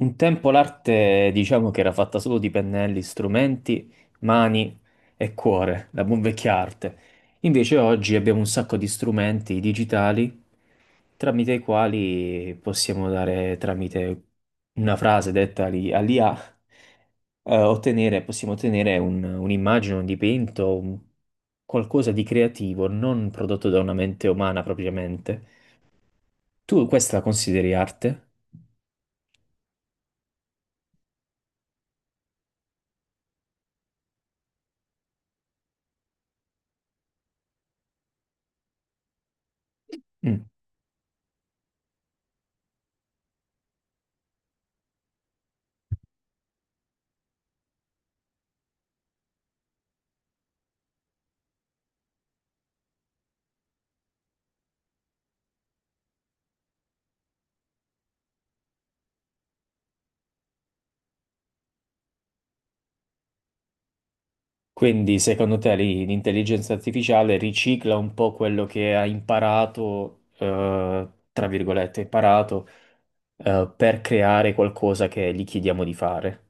Un tempo l'arte diciamo che era fatta solo di pennelli, strumenti, mani e cuore, la buon vecchia arte. Invece oggi abbiamo un sacco di strumenti digitali tramite i quali possiamo dare, tramite una frase detta all'IA, possiamo ottenere un'immagine, un dipinto, qualcosa di creativo, non prodotto da una mente umana propriamente. Tu questa la consideri arte? Mm. Quindi, secondo te, lì l'intelligenza artificiale ricicla un po' quello che ha imparato, tra virgolette, imparato, per creare qualcosa che gli chiediamo di fare.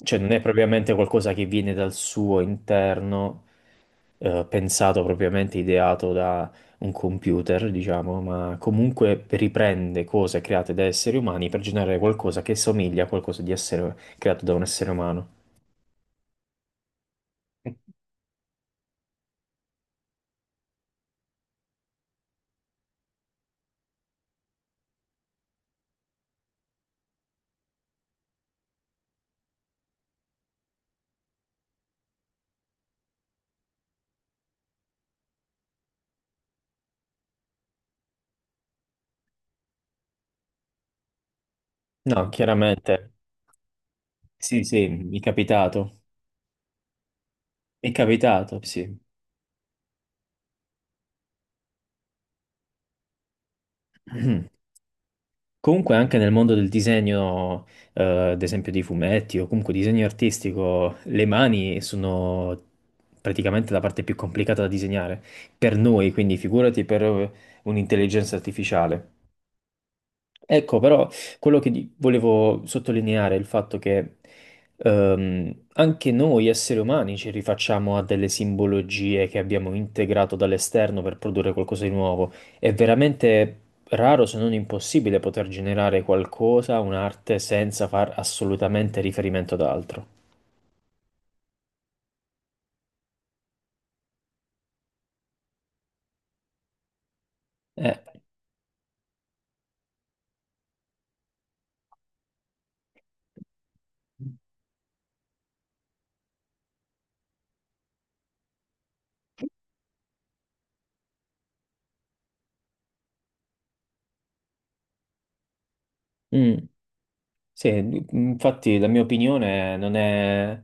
Cioè, non è propriamente qualcosa che viene dal suo interno, pensato propriamente, ideato da un computer, diciamo, ma comunque riprende cose create da esseri umani per generare qualcosa che somiglia a qualcosa di essere creato da un essere umano. No, chiaramente. Sì, sì, mi è capitato. Mi è capitato, sì. Comunque anche nel mondo del disegno, eh, ad esempio dei fumetti o comunque disegno artistico, le mani sono praticamente la parte più complicata da disegnare per noi, quindi figurati per un'intelligenza artificiale. Ecco, però quello che volevo sottolineare è il fatto che anche noi esseri umani ci rifacciamo a delle simbologie che abbiamo integrato dall'esterno per produrre qualcosa di nuovo. È veramente raro, se non impossibile, poter generare qualcosa, un'arte, senza far assolutamente riferimento ad altro. Eh, mm, sì, infatti la mia opinione non è...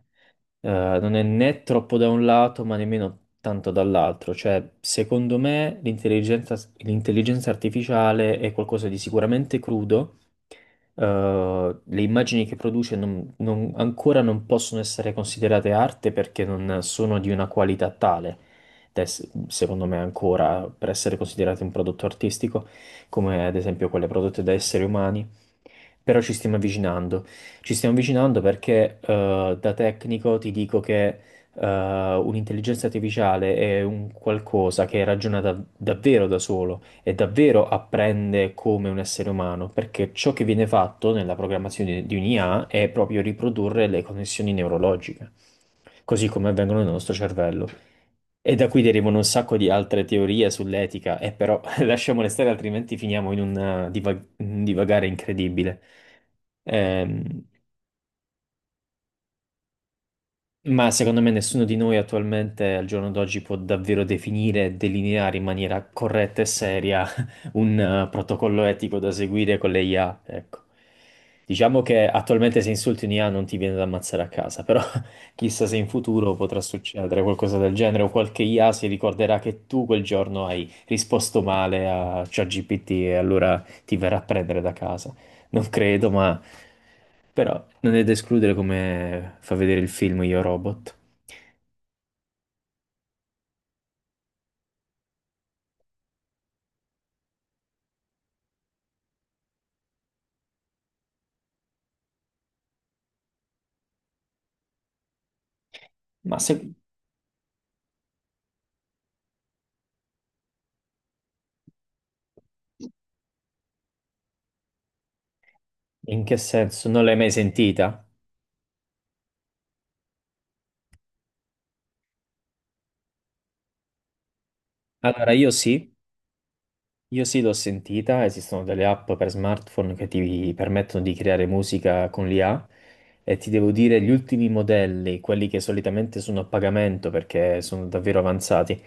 eh, non è né troppo da un lato, ma nemmeno tanto dall'altro. Cioè, secondo me, l'intelligenza artificiale è qualcosa di sicuramente crudo. Le immagini che produce ancora non possono essere considerate arte perché non sono di una qualità tale, secondo me ancora, per essere considerate un prodotto artistico, come ad esempio quelle prodotte da esseri umani. Però ci stiamo avvicinando. Ci stiamo avvicinando perché da tecnico ti dico che un'intelligenza artificiale è un qualcosa che ragiona davvero da solo e davvero apprende come un essere umano, perché ciò che viene fatto nella programmazione di un'IA è proprio riprodurre le connessioni neurologiche, così come avvengono nel nostro cervello. E da qui derivano un sacco di altre teorie sull'etica, e però lasciamole stare, altrimenti finiamo in un divagare incredibile. Ehm, Ma secondo me nessuno di noi attualmente al giorno d'oggi può davvero definire e delineare in maniera corretta e seria un protocollo etico da seguire con le IA, ecco. Diciamo che attualmente se insulti un IA non ti viene da ammazzare a casa, però chissà se in futuro potrà succedere qualcosa del genere o qualche IA si ricorderà che tu quel giorno hai risposto male a ChatGPT e allora ti verrà a prendere da casa. Non credo, ma però non è da escludere come fa vedere il film Io Robot. Ma se... In che senso? Non l'hai mai sentita? Allora, io sì, l'ho sentita, esistono delle app per smartphone che ti permettono di creare musica con l'IA e ti devo dire gli ultimi modelli, quelli che solitamente sono a pagamento perché sono davvero avanzati,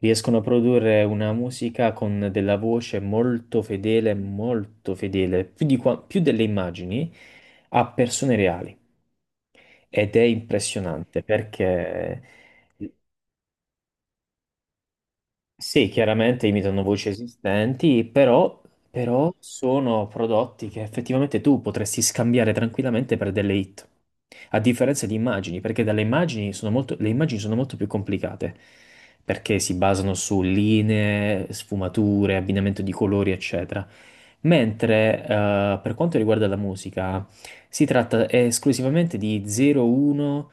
riescono a produrre una musica con della voce molto fedele, più delle immagini a persone reali ed è impressionante. Sì, chiaramente imitano voci esistenti, però, sono prodotti che effettivamente tu potresti scambiare tranquillamente per delle hit, a differenza di immagini, perché dalle immagini sono molto, le immagini sono molto più complicate, perché si basano su linee, sfumature, abbinamento di colori, eccetera. Mentre per quanto riguarda la musica, si tratta esclusivamente di 0-1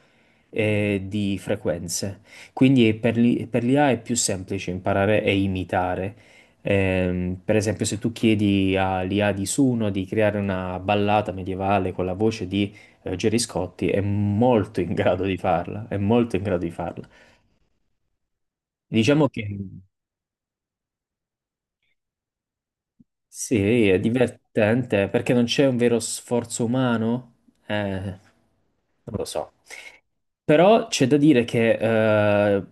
e di frequenze. Quindi è per per l'IA è più semplice imparare e imitare. Per esempio, se tu chiedi all'IA di Suno di creare una ballata medievale con la voce di Gerry Scotti, è molto in grado di farla, è molto in grado di farla. Diciamo che sì, è divertente perché non c'è un vero sforzo umano. Eh, Non lo so. Però c'è da dire che eh,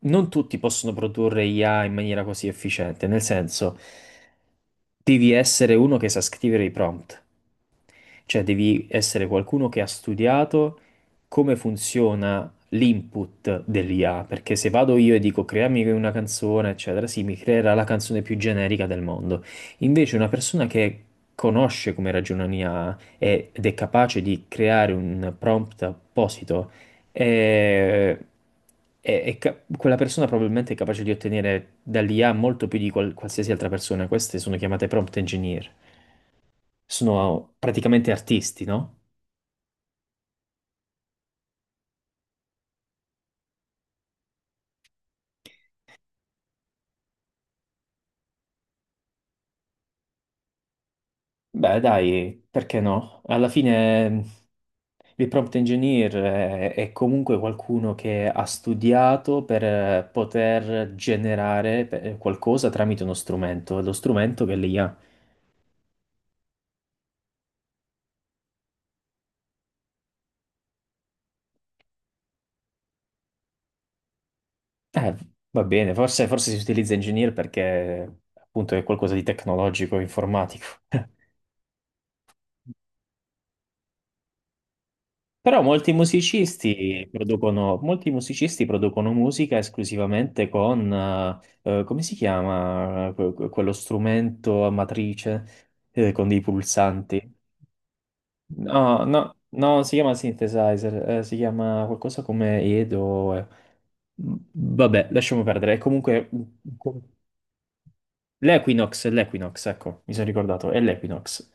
non tutti possono produrre IA in maniera così efficiente, nel senso, devi essere uno che sa scrivere i prompt. Cioè devi essere qualcuno che ha studiato come funziona l'input dell'IA, perché se vado io e dico creami una canzone, eccetera, sì, mi creerà la canzone più generica del mondo. Invece una persona che conosce come ragiona l'IA ed è capace di creare un prompt apposito, è- quella persona probabilmente è capace di ottenere dall'IA molto più di qualsiasi altra persona. Queste sono chiamate prompt engineer, sono praticamente artisti, no? Beh, dai, perché no? Alla fine il prompt engineer è comunque qualcuno che ha studiato per poter generare qualcosa tramite uno strumento, è lo strumento che lì ha. Eh, Va bene, forse, forse si utilizza engineer perché appunto è qualcosa di tecnologico, informatico. Però molti musicisti producono musica esclusivamente con, come si chiama, quello strumento a matrice, con dei pulsanti. No, no, no, non si chiama synthesizer, si chiama qualcosa come Edo. Vabbè, lasciamo perdere. Comunque, l'Equinox, ecco, mi sono ricordato, è l'Equinox.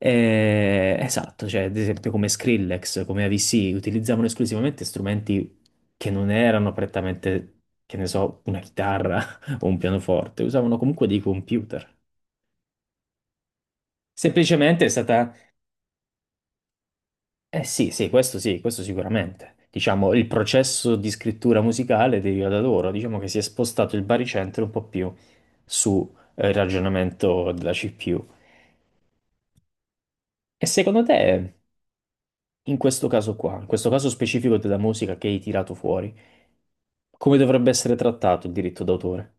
Esatto, cioè ad esempio come Skrillex, come AVC, utilizzavano esclusivamente strumenti che non erano prettamente, che ne so, una chitarra o un pianoforte, usavano comunque dei computer. Semplicemente è stata. Eh sì, sì, questo sicuramente. Diciamo, il processo di scrittura musicale deriva da loro, diciamo che si è spostato il baricentro un po' più sul ragionamento della CPU. E secondo te, in questo caso qua, in questo caso specifico della musica che hai tirato fuori, come dovrebbe essere trattato il diritto d'autore?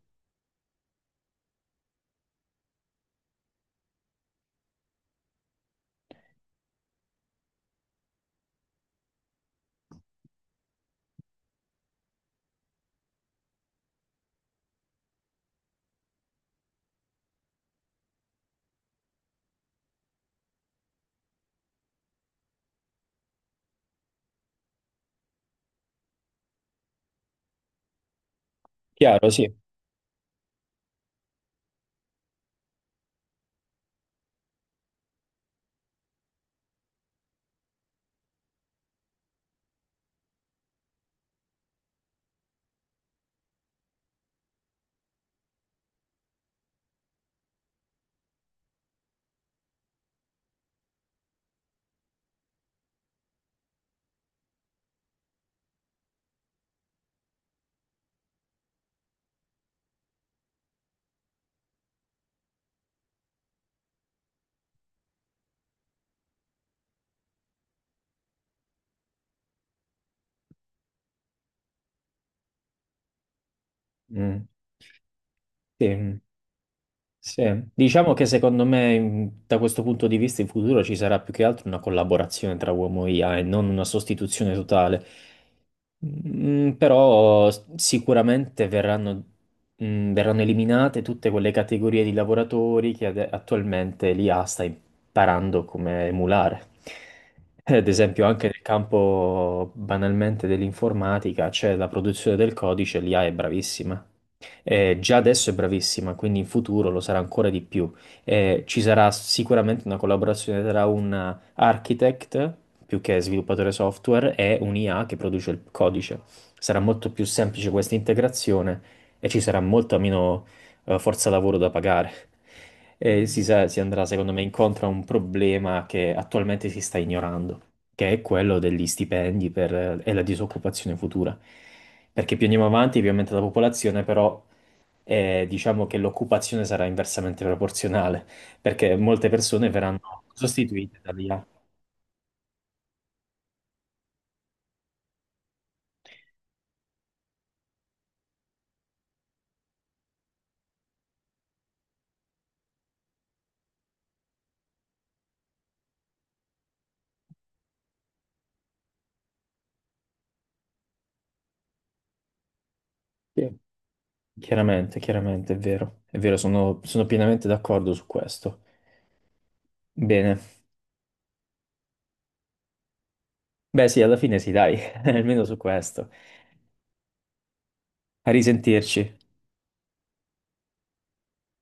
Chiaro, sì. Mm. Sì. mm. Sì, diciamo che secondo me da questo punto di vista in futuro ci sarà più che altro una collaborazione tra uomo e IA e non una sostituzione totale. Però sicuramente verranno eliminate tutte quelle categorie di lavoratori che attualmente l'IA sta imparando come emulare. Ad esempio, anche nel campo banalmente dell'informatica c'è la produzione del codice, l'IA è bravissima. Già adesso è bravissima, quindi in futuro lo sarà ancora di più. Ci sarà sicuramente una collaborazione tra un architect, più che sviluppatore software, e un IA che produce il codice. Sarà molto più semplice questa integrazione e ci sarà molta meno, forza lavoro da pagare. E si andrà, secondo me, incontro a un problema che attualmente si sta ignorando che è quello degli stipendi e la disoccupazione futura. Perché più andiamo avanti, più aumenta la popolazione, però diciamo che l'occupazione sarà inversamente proporzionale, perché molte persone verranno sostituite da IA. Sì. Chiaramente, chiaramente, è vero, sono pienamente d'accordo su questo. Bene, beh sì, alla fine sì, dai, almeno su questo. A risentirci.